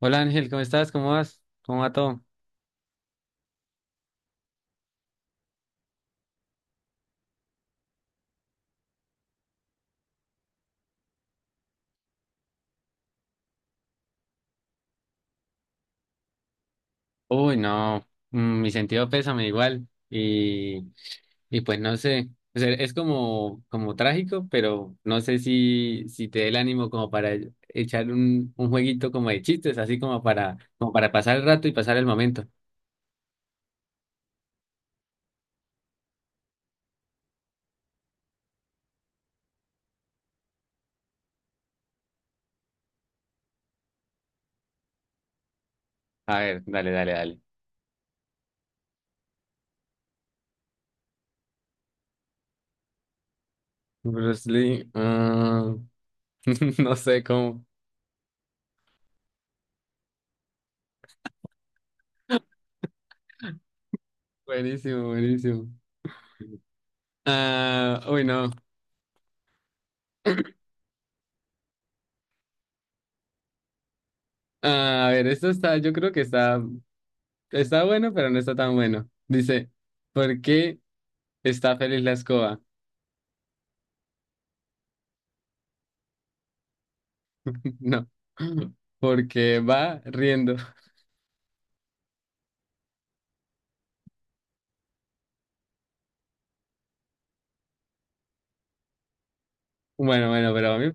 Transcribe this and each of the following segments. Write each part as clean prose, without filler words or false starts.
Hola Ángel, ¿cómo estás? ¿Cómo vas? ¿Cómo va todo? Uy, no, mi sentido pésame igual y pues no sé, o sea, es como, como trágico, pero no sé si te dé el ánimo como para echar un jueguito como de chistes, así como para, como para pasar el rato y pasar el momento. A ver, dale, dale, dale. Bruce Lee, ah, no sé cómo. Buenísimo, buenísimo. Ah, uy, no. Ah, a ver, esto está, yo creo que está. Está bueno, pero no está tan bueno. Dice, ¿por qué está feliz la escoba? No, porque va riendo. Bueno, bueno, pero a mí,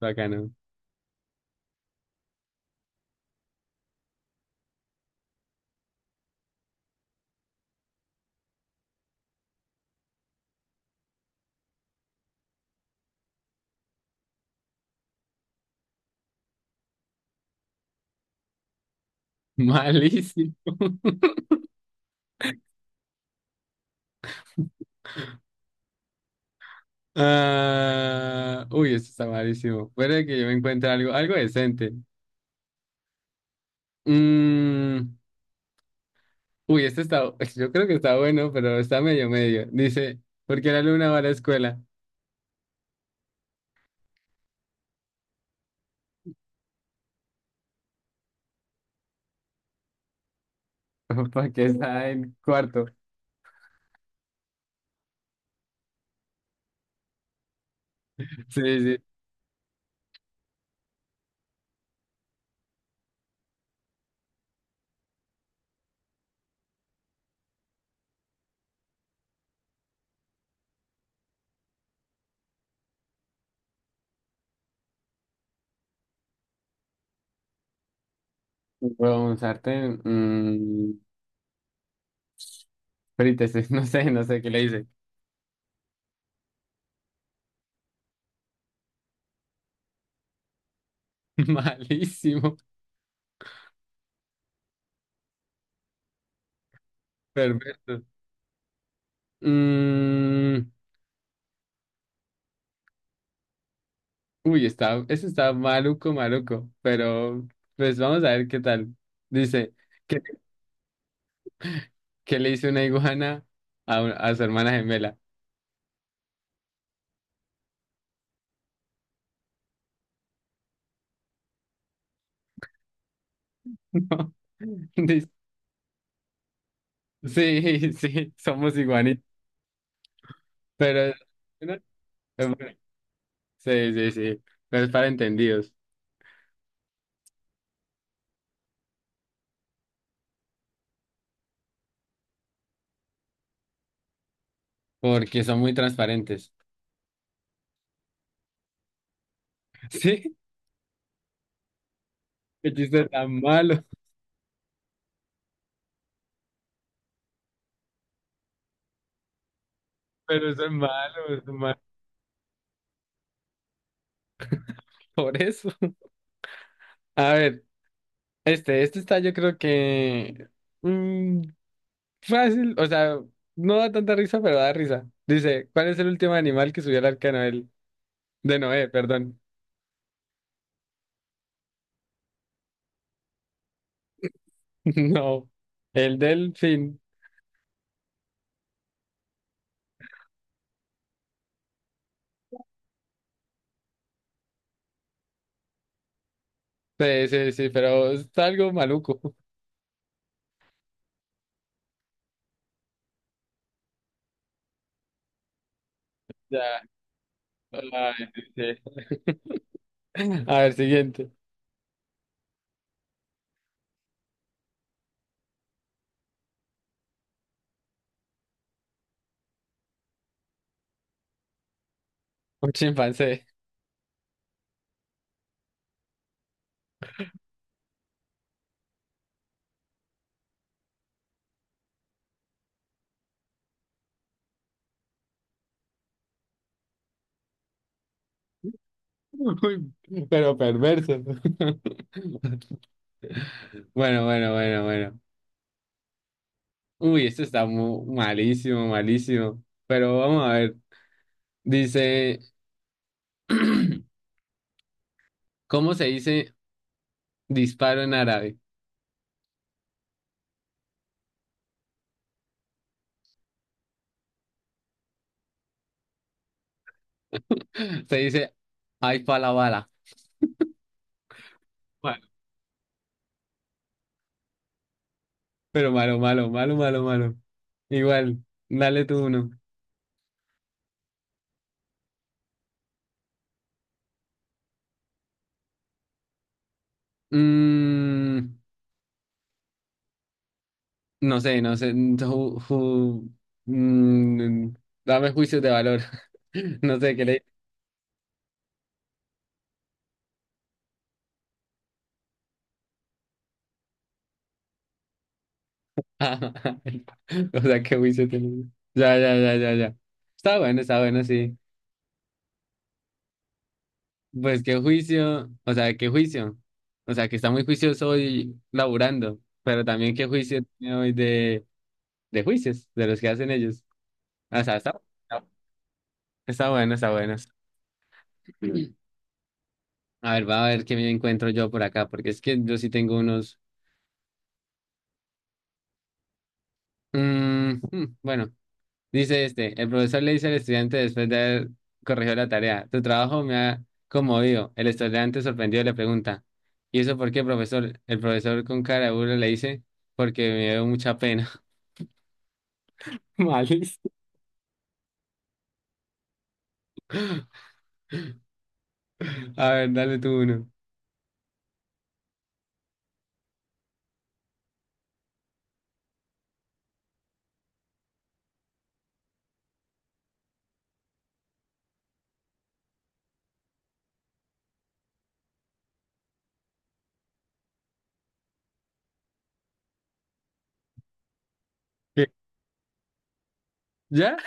bacano. Malísimo. Ah, uy, esto está malísimo. Puede que yo me encuentre algo, algo decente. Mm, uy, este está, yo creo que está bueno, pero está medio medio. Dice, ¿por qué la luna va a la escuela? Porque está en cuarto. Sí, sí. Bueno, un sartén. Ahorita sí, no sé, no sé qué le hice. Malísimo, perfecto. Mm, uy, está, eso está maluco, maluco, pero pues vamos a ver qué tal. Dice, ¿qué, qué le hizo una iguana a, a su hermana gemela? No. Dice, sí, sí, somos iguanitos, pero... ¿no? Sí, sí, sí, pero es para entendidos, porque son muy transparentes. Sí, el chiste tan malo, pero eso es malo, es malo. Por eso. A ver, este está yo creo que mm, fácil, o sea, no da tanta risa, pero da risa. Dice, ¿cuál es el último animal que subió al arca de Noel? De Noé, perdón. No, el delfín. Sí, sí, sí, pero está algo maluco. Ya. Ay, sí, sí. A ver, siguiente. Un chimpancé. Uy, pero perverso. Bueno, bueno, bueno, bueno. Uy, esto está malísimo, malísimo. Pero vamos a ver. Dice, ¿cómo se dice disparo en árabe? Se dice, ay, pala bala. Malo. Pero malo, malo, malo, malo, malo. Igual, dale tú uno. Mm, no sé, no sé. Mm, dame juicios de valor. No sé qué le. O sea, qué juicio tiene. Ya, ya, ya, ya, ya. Está bueno, sí. Pues qué juicio, o sea, qué juicio. O sea, que está muy juicioso hoy laburando, pero también qué juicio tiene hoy de juicios, de los que hacen ellos. O sea, está, está bueno, está bueno. A ver, va a ver qué me encuentro yo por acá, porque es que yo sí tengo unos... mm, bueno. Dice este, el profesor le dice al estudiante después de haber corregido la tarea, tu trabajo me ha conmovido. El estudiante sorprendido le pregunta, ¿y eso por qué, profesor? El profesor con cara de burla le dice, porque me dio mucha pena. Malísimo. A ver, dale tú uno. ¿Qué? ¿Ya?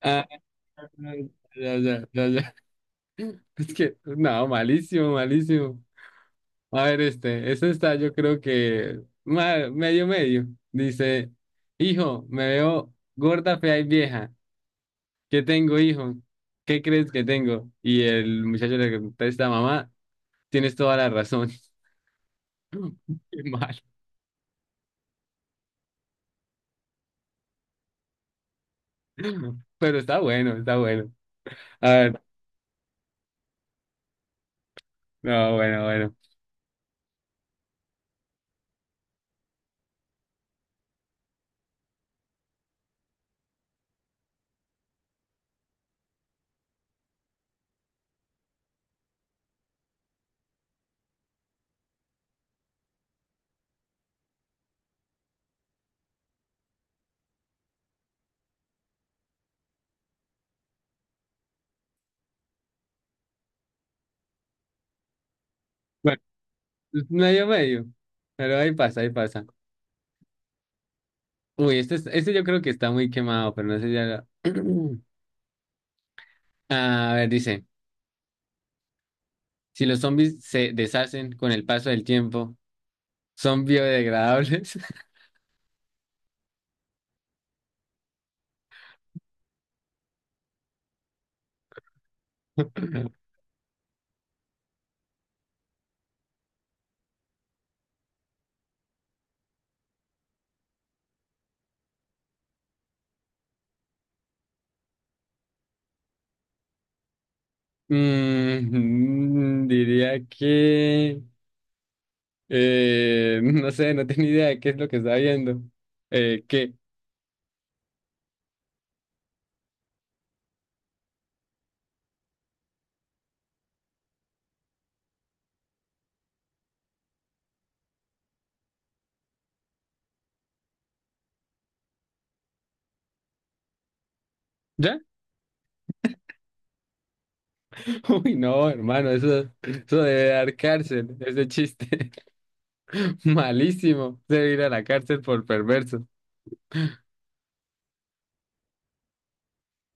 Ah, ya, ya, ya, ya. Es que, no, malísimo, malísimo. A ver, este, eso está, yo creo que medio, medio. Dice, hijo, me veo gorda, fea y vieja. ¿Qué tengo, hijo? ¿Qué crees que tengo? Y el muchacho le contesta, mamá, tienes toda la razón. Qué mal. Pero está bueno, está bueno. A ver, no, bueno, bueno. Bueno, medio, medio. Pero ahí pasa, ahí pasa. Uy, este yo creo que está muy quemado, pero no sé si ya lo- A ver, dice, si los zombies se deshacen con el paso del tiempo, ¿son biodegradables? Diría que... no sé, no tenía idea de qué es lo que está viendo. ¿Qué? ¿Ya? Uy, no, hermano, eso debe dar cárcel, ese chiste. Malísimo. Debe ir a la cárcel por perverso.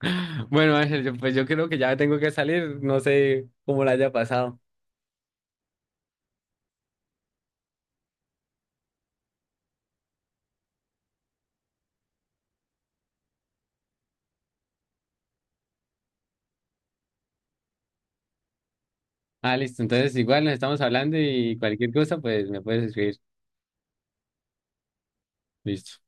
Bueno, Ángel, pues yo creo que ya tengo que salir. No sé cómo la haya pasado. Ah, listo. Entonces, igual nos estamos hablando y cualquier cosa, pues me puedes escribir. Listo.